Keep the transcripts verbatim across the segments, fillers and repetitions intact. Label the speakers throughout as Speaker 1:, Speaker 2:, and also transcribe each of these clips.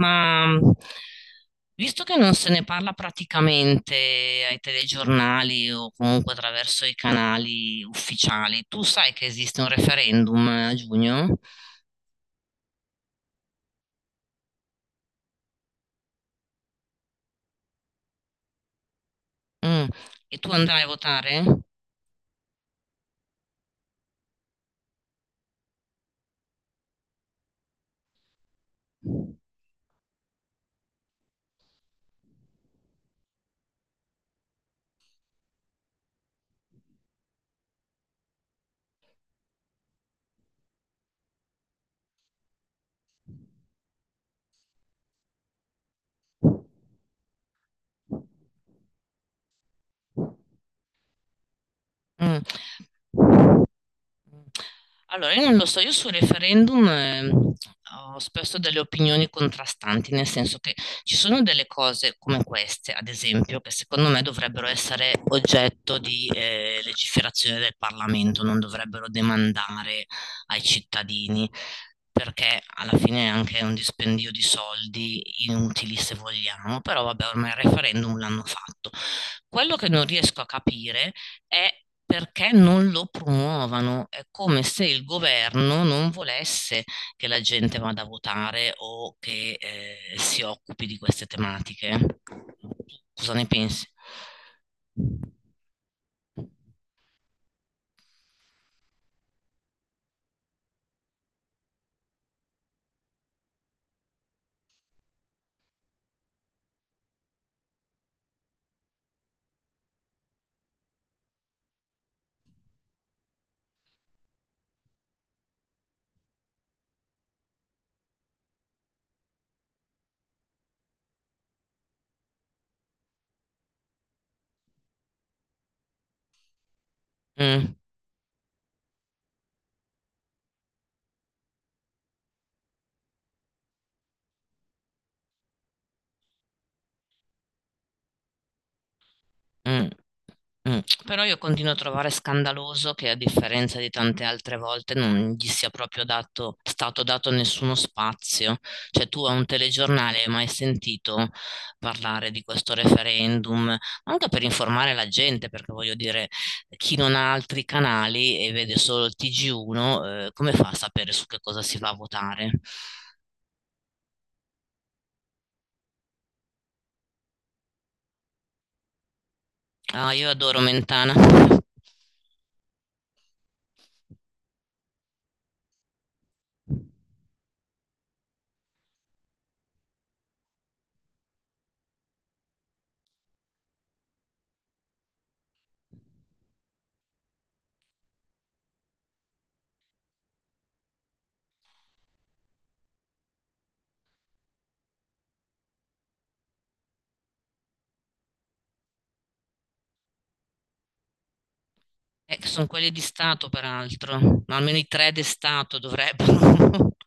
Speaker 1: Ma mh, Visto che non se ne parla praticamente ai telegiornali o comunque attraverso i canali ufficiali, tu sai che esiste un referendum a giugno? Mm. E tu andrai a votare? Mm. Allora, io non lo so, io sul referendum eh, ho spesso delle opinioni contrastanti, nel senso che ci sono delle cose come queste, ad esempio, che secondo me dovrebbero essere oggetto di eh, legiferazione del Parlamento, non dovrebbero demandare ai cittadini, perché alla fine è anche un dispendio di soldi inutili se vogliamo, però vabbè, ormai il referendum l'hanno fatto. Quello che non riesco a capire è perché non lo promuovano. È come se il governo non volesse che la gente vada a votare o che eh, si occupi di queste tematiche. Tu Cosa ne pensi? Mm. Mh. Mh. Però io continuo a trovare scandaloso che a differenza di tante altre volte non gli sia proprio dato, stato dato nessuno spazio. Cioè tu a un telegiornale hai mai sentito parlare di questo referendum? Anche per informare la gente, perché voglio dire, chi non ha altri canali e vede solo il T G uno, eh, come fa a sapere su che cosa si va a votare? Ah, io adoro Mentana. Eh, che sono quelli di Stato, peraltro, ma almeno i tre di Stato dovrebbero.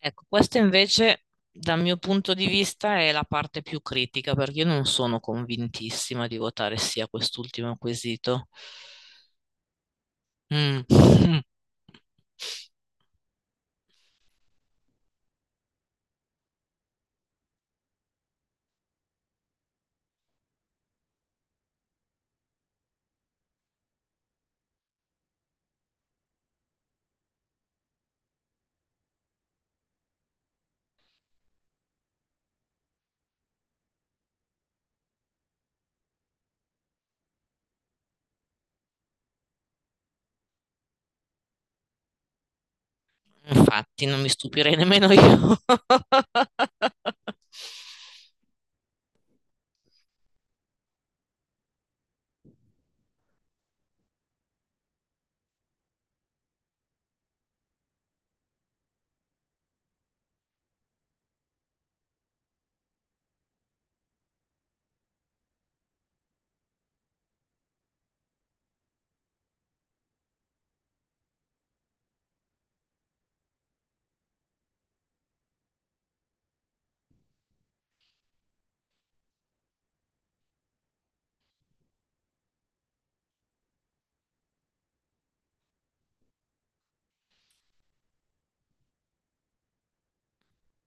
Speaker 1: Ecco, questa invece, dal mio punto di vista, è la parte più critica, perché io non sono convintissima di votare sì a quest'ultimo quesito. Mm. Infatti, non mi stupirei nemmeno io.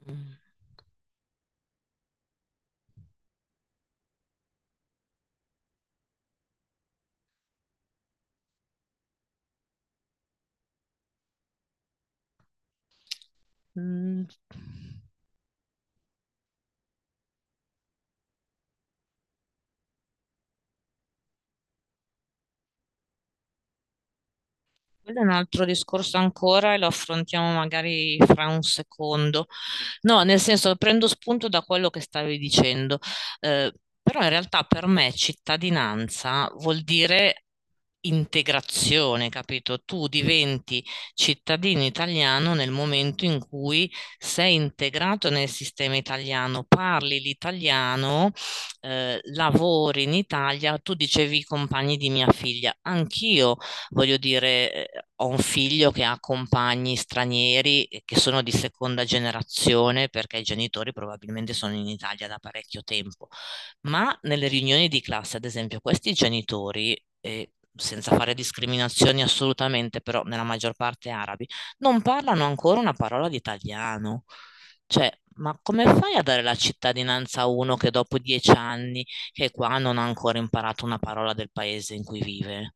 Speaker 1: Mm. Quello è un altro discorso ancora e lo affrontiamo magari fra un secondo. No, nel senso, prendo spunto da quello che stavi dicendo, eh, però in realtà per me cittadinanza vuol dire integrazione, capito? Tu diventi cittadino italiano nel momento in cui sei integrato nel sistema italiano, parli l'italiano, eh, lavori in Italia, tu dicevi i compagni di mia figlia, anch'io voglio dire, eh, ho un figlio che ha compagni stranieri eh, che sono di seconda generazione perché i genitori probabilmente sono in Italia da parecchio tempo, ma nelle riunioni di classe, ad esempio, questi genitori, eh, senza fare discriminazioni assolutamente, però nella maggior parte arabi, non parlano ancora una parola di italiano. Cioè, ma come fai a dare la cittadinanza a uno che dopo dieci anni che è qua non ha ancora imparato una parola del paese in cui vive?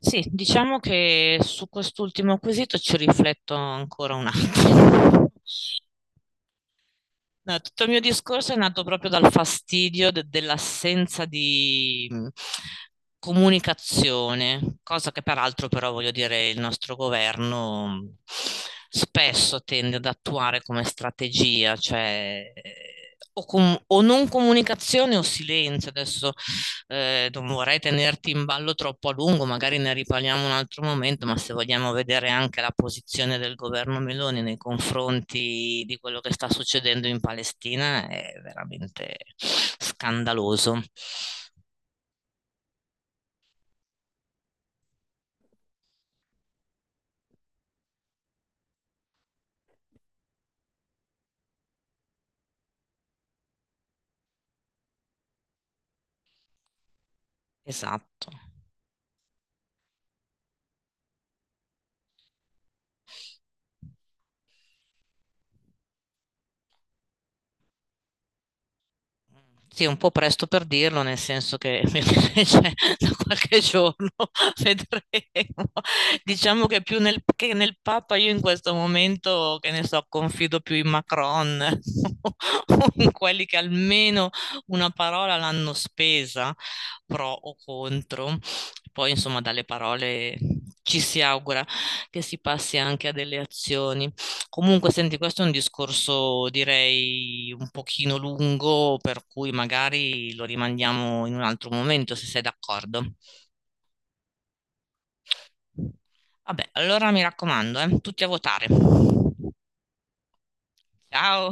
Speaker 1: Sì, diciamo che su quest'ultimo quesito ci rifletto ancora un attimo. No, tutto il mio discorso è nato proprio dal fastidio de- dell'assenza di mh, comunicazione, cosa che peraltro però voglio dire il nostro governo mh, spesso tende ad attuare come strategia, cioè eh, o com- o non comunicazione o silenzio. Adesso eh, non vorrei tenerti in ballo troppo a lungo, magari ne riparliamo un altro momento, ma se vogliamo vedere anche la posizione del governo Meloni nei confronti di quello che sta succedendo in Palestina è veramente scandaloso. Esatto. Sì, è un po' presto per dirlo, nel senso che cioè, da qualche giorno vedremo. Diciamo che più nel, che nel Papa io in questo momento, che ne so, confido più in Macron o in quelli che almeno una parola l'hanno spesa, pro o contro. Poi, insomma, dalle parole ci si augura che si passi anche a delle azioni. Comunque, senti, questo è un discorso, direi, un pochino lungo, per cui magari lo rimandiamo in un altro momento, se sei d'accordo. Vabbè, allora mi raccomando, eh, tutti a votare. Ciao!